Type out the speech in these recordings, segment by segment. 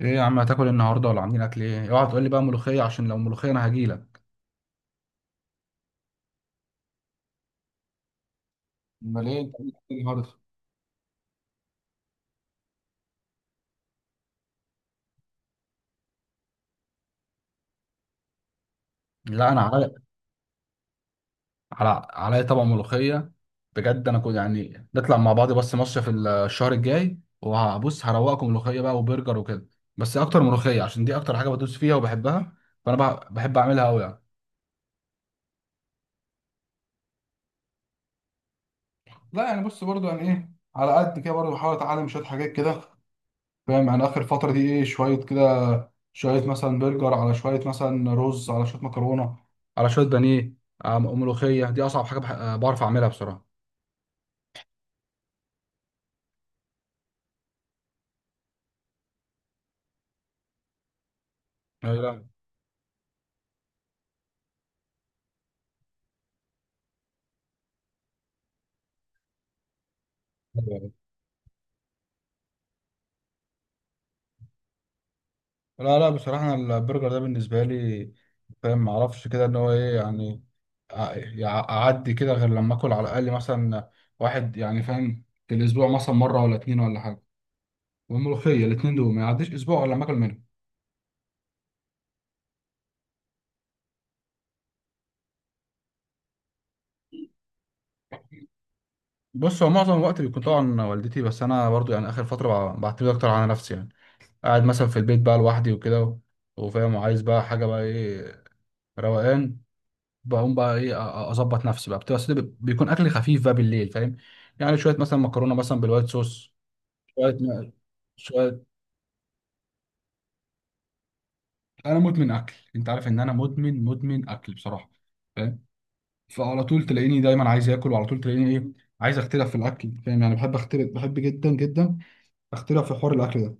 ايه يا عم، هتاكل إيه النهارده؟ ولا عاملين اكل ايه؟ اوعى تقول لي بقى ملوخيه، عشان لو ملوخيه انا هجيلك. امال ايه؟ انت عامل إيه النهارده؟ لا انا علي طبق ملوخيه. بجد انا كنت يعني نطلع مع بعض بس مصيف الشهر الجاي، وهبص هروقكم ملوخيه بقى وبرجر وكده. بس اكتر ملوخيه، عشان دي اكتر حاجه بدوس فيها وبحبها. فانا بحب اعملها قوي يعني. لا يعني بص، برضو يعني ايه، على قد كده برضو بحاول اتعلم شويه حاجات كده. فاهم، يعني اخر فتره دي ايه، شويه كده، شويه مثلا برجر، على شويه مثلا رز، على شويه مكرونه، على شويه بانيه. ملوخيه دي اصعب حاجه بعرف اعملها بصراحه. لا لا. لا، لا، بصراحه أنا البرجر ده بالنسبه لي. فاهم، ما اعرفش كده ان هو ايه يعني. اعدي كده غير لما اكل على الاقل مثلا واحد يعني، فاهم، في الاسبوع مثلا مره ولا اتنين ولا حاجه. والملوخيه الاتنين دول ما يعديش اسبوع ولا لما اكل منهم. بص، هو معظم الوقت بيكون طبعا والدتي، بس انا برضو يعني اخر فتره بعتمد اكتر على نفسي يعني. قاعد مثلا في البيت بقى لوحدي وكده وفاهم وعايز بقى حاجه بقى ايه، روقان. بقوم بقى ايه اظبط نفسي بقى، بتبقى أصل بيكون اكل خفيف بقى بالليل، فاهم. يعني شويه مثلا مكرونه مثلا بالوايت صوص. شويه م- شويه. انا مدمن اكل، انت عارف ان انا مدمن اكل بصراحه. فاهم. فعلى طول تلاقيني دايما عايز اكل، وعلى طول تلاقيني ايه، عايز اختلف في الاكل، فاهم يعني، بحب اختلف، بحب جدا جدا اختلف في حوار الاكل ده.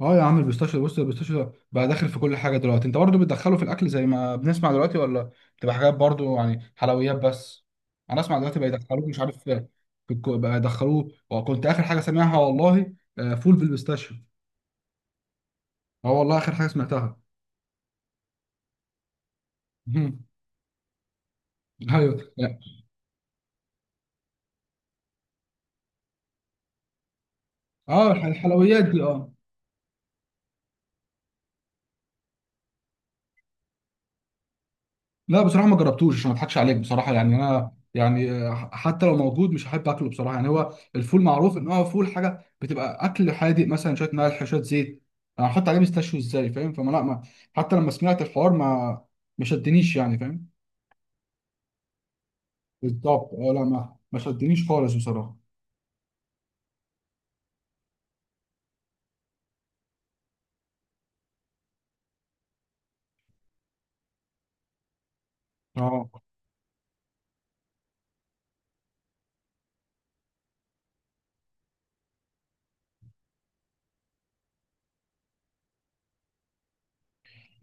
اه يا عم، البيستاشيو بص، البيستاشيو بقى داخل في كل حاجه دلوقتي، انت برضو بتدخله في الاكل زي ما بنسمع دلوقتي، ولا بتبقى حاجات برضو يعني حلويات بس؟ انا اسمع دلوقتي بقى يدخلوه مش عارف في بقى يدخلوه، وكنت اخر حاجه سامعها والله فول بالبيستاشيو. اه والله، اخر حاجه سمعتها. ايوه. اه، الحلويات دي اه. لا بصراحه ما جربتوش، عشان ما اضحكش عليك بصراحه، يعني انا يعني حتى لو موجود مش هحب اكله بصراحه، يعني هو الفول معروف ان هو فول حاجه بتبقى اكل حادق، مثلا شويه ملح شويه زيت. انا هحط عليه مستشوي ازاي، فاهم، فما لا ما، حتى لما سمعت الحوار، ما ما شدنيش يعني، فاهم. بالظبط اه، لا ما شدنيش خالص بصراحه. اه.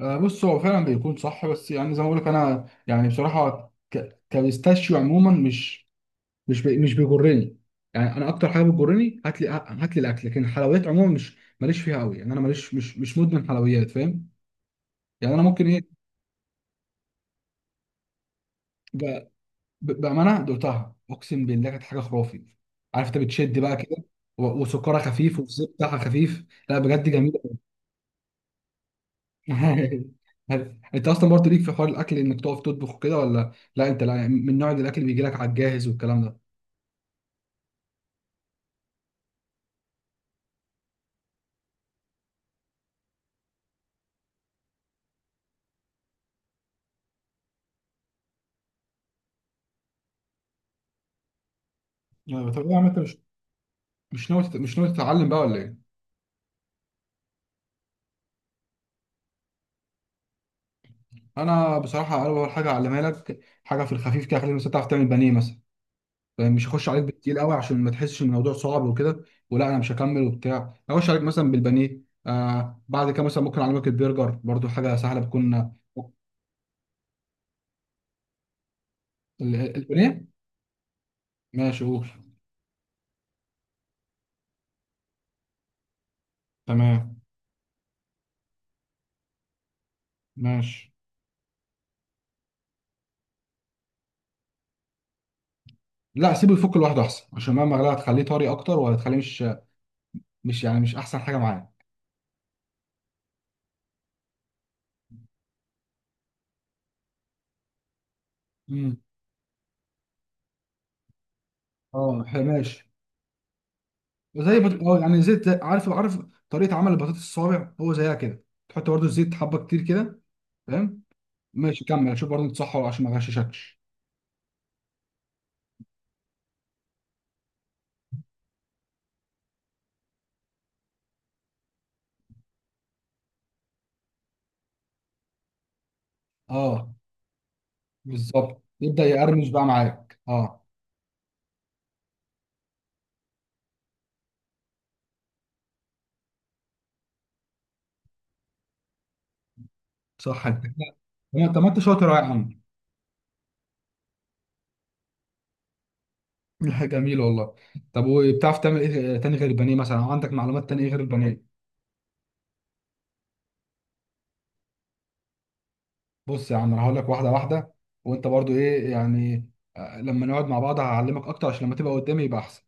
بص هو فعلا بيكون صح، بس يعني زي ما بقول لك انا يعني بصراحه كبيستاشيو عموما مش مش بيجرني. يعني انا اكتر حاجه بتجرني، هات لي هات لي الاكل، لكن الحلويات عموما مش، ماليش فيها قوي، يعني انا ماليش مش مدمن حلويات، فاهم. يعني انا ممكن ايه، ب... بامانه دقتها اقسم بالله كانت حاجه خرافي. عارف انت بتشد بقى كده. وسكرها خفيف والزيت بتاعها خفيف، لا بجد جميله. انت اصلا برضه ليك في حوار الاكل، انك تقف تطبخ كده، ولا لا، انت لا من نوع الاكل اللي بيجي لك على الجاهز والكلام ده؟ يعني طب إيه يا عم، انت مش، مش ناوي تتعلم بقى ولا ايه؟ انا بصراحه اول حاجه اعلمها لك، حاجه في الخفيف كده، خليك مثلا تعرف تعمل بانيه مثلا. يعني مش هخش عليك بالتقيل قوي عشان ما تحسش ان الموضوع صعب وكده، ولا انا مش هكمل وبتاع، اخش عليك مثلا بالبانيه. بعد كده مثلا ممكن اعلمك البرجر، برضو حاجه سهله بتكون البانيه. ماشي، قول. تمام. ماشي. لا، سيبه يفك لوحده احسن، عشان مهما غلا هتخليه طري اكتر، وهتخليه مش، مش يعني مش احسن حاجه معاه. امم. اه ماشي. زي بط... اه يعني زيت عارف، عارف طريقه عمل البطاطس الصوابع، هو زيها كده، تحط برضو الزيت حبه كتير كده. فاهم. ماشي كمل، شوف برضو تصحى عشان ما غششكش. اه بالظبط، يبدا يقرمش بقى معاك اه. صح انت كده. لا، طب ما انت شاطر أهو يا عم. جميل والله. طب وبتعرف تعمل ايه تاني غير البانيه مثلا، أو عندك معلومات تاني إيه غير البانيه؟ بص يا عم، انا هقول لك واحده واحده. وانت برضو ايه يعني، لما نقعد مع بعض هعلمك اكتر، عشان لما تبقى قدامي يبقى احسن.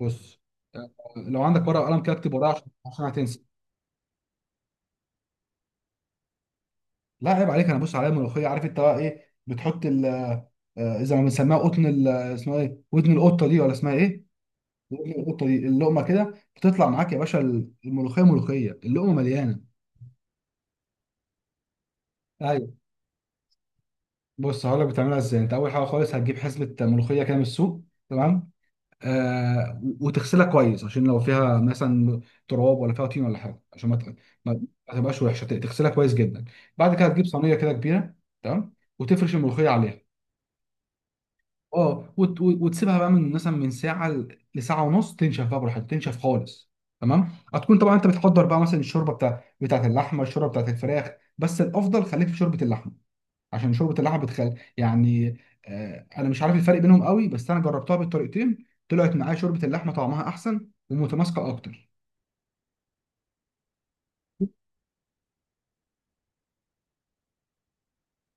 بص. آه، لو عندك ورقه وقلم كده، اكتب ورايا، عشان هتنسى. لا عيب عليك، انا بص عليا الملوخيه، عارف انت بقى ايه بتحط ال، اذا ما بنسميها قطن اسمها ايه، ودن القطه دي، ولا اسمها ايه؟ ودن القطه دي، اللقمه كده بتطلع معاك يا باشا، الملوخيه، ملوخيه اللقمه مليانه. ايوه. بص هقول لك بتعملها ازاي، انت اول حاجه خالص هتجيب حزمه ملوخيه كده من السوق. تمام. وتغسلها كويس عشان لو فيها مثلا تراب، ولا فيها طين ولا حاجه، عشان ما ت- ما ما تبقاش وحشه، تغسلها كويس جدا. بعد كده هتجيب صينيه كده كبيره. تمام، وتفرش الملوخيه عليها. اه وتسيبها بقى من مثلا، من ساعه لساعه ونص، تنشف بقى براحتك، تنشف خالص. تمام، هتكون طبعا انت بتحضر بقى مثلا الشوربه بتاعت اللحمه، الشوربه بتاعت الفراخ. بس الافضل خليك في شوربه اللحمه، عشان شوربه اللحمه بتخل يعني، انا مش عارف الفرق بينهم قوي، بس انا جربتها بالطريقتين، طلعت معايا شوربه اللحمه طعمها احسن ومتماسكه اكتر.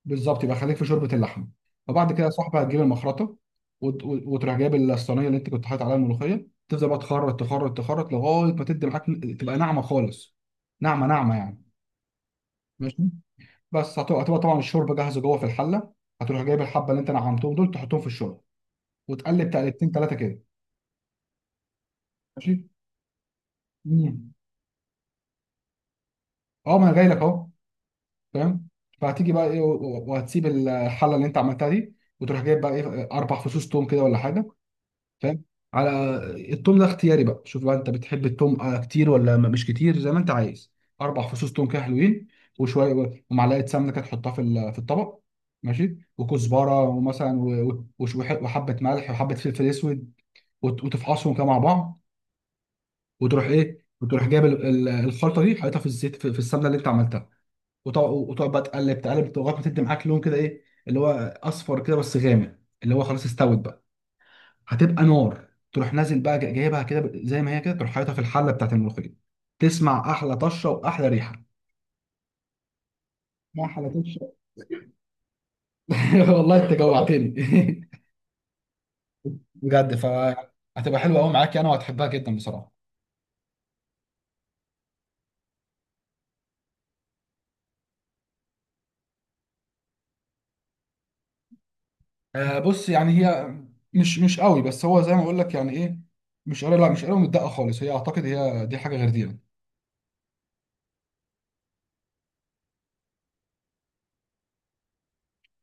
بالظبط، يبقى خليك في شوربه اللحمه. وبعد كده يا صاحبي، هتجيب المخرطه، وتروح جايب الصينيه اللي انت كنت حاطط عليها الملوخيه، تفضل بقى تخرط تخرط تخرط لغايه ما تدي معاك، تبقى ناعمه خالص. ناعمه ناعمه يعني. ماشي. بس هتبقى طبعا الشوربه جاهزه جوه في الحله. هتروح جايب الحبه اللي انت نعمتهم دول، تحطهم في الشوربه، وتقلب تقلبتين ثلاثه كده. ماشي. مم. اه ما انا جاي لك اهو. فاهم. فهتيجي بقى ايه، وهتسيب الحله اللي انت عملتها دي، وتروح جايب بقى ايه اربع فصوص توم كده ولا حاجه. فاهم. على التوم ده اختياري بقى، شوف بقى انت بتحب التوم كتير ولا مش كتير، زي ما انت عايز. اربع فصوص توم كده حلوين. وشويه، ومعلقه سمنه كده تحطها في الطبق. ماشي، وكزبره ومثلا وحبه ملح وحبه فلفل اسود، وتفعصهم كده مع بعض. وتروح ايه، وتروح جايب الخلطه دي حاططها في الزيت، في السمنه اللي انت عملتها. وتقعد وتقعد بقى، تقلب تقلب لغايه ما تدي معاك لون كده ايه، اللي هو اصفر كده بس غامق، اللي هو خلاص استوت بقى. هتبقى نار، تروح نازل بقى جايبها كده زي ما هي كده، تروح حاططها في الحله بتاعت الملوخيه، تسمع احلى طشه واحلى ريحه. ما احلى طشه. والله انت جوعتني. بجد فهتبقى حلوه قوي معاك يعني، وهتحبها جدا بصراحه. بص يعني هي، مش قوي، بس هو زي ما اقول لك يعني ايه، مش قوي، لا مش قوي متدقه خالص، هي اعتقد هي دي حاجه غير دي يعني.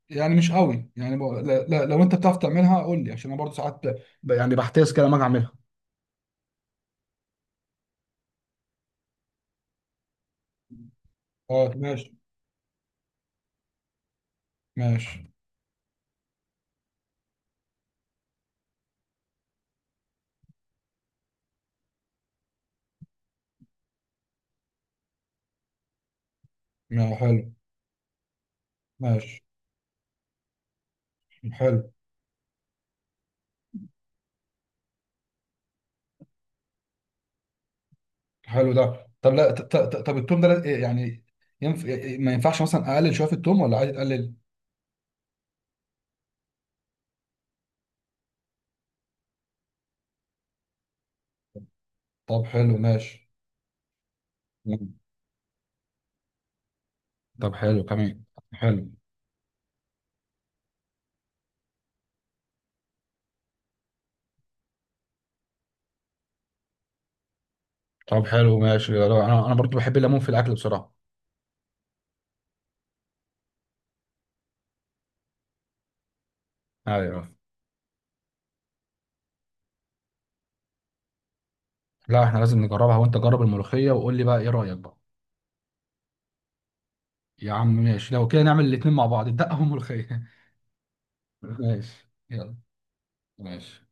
يعني مش قوي يعني، لا، لا، لو انت بتعرف تعملها قول لي، عشان انا برضو ساعات يعني بحتاس كده لما اجي اعملها. اه ماشي. ماشي، ما حلو. ماشي. حلو. حلو ده، طب لا طب التوم ده يعني، ينف... ما ينفعش مثلا اقلل شويه في التوم، ولا عادي تقلل؟ طب حلو ماشي. مم. طب حلو كمان. حلو. طب حلو ماشي يا رب. انا برضو بحب الليمون في الاكل بصراحه. ايوه. لا احنا لازم نجربها، وانت جرب الملوخيه وقول لي بقى ايه رايك بقى. يا عم ماشي، لو كده نعمل الاتنين مع بعض، الدقه والملوخيه. ماشي يلا. ماشي.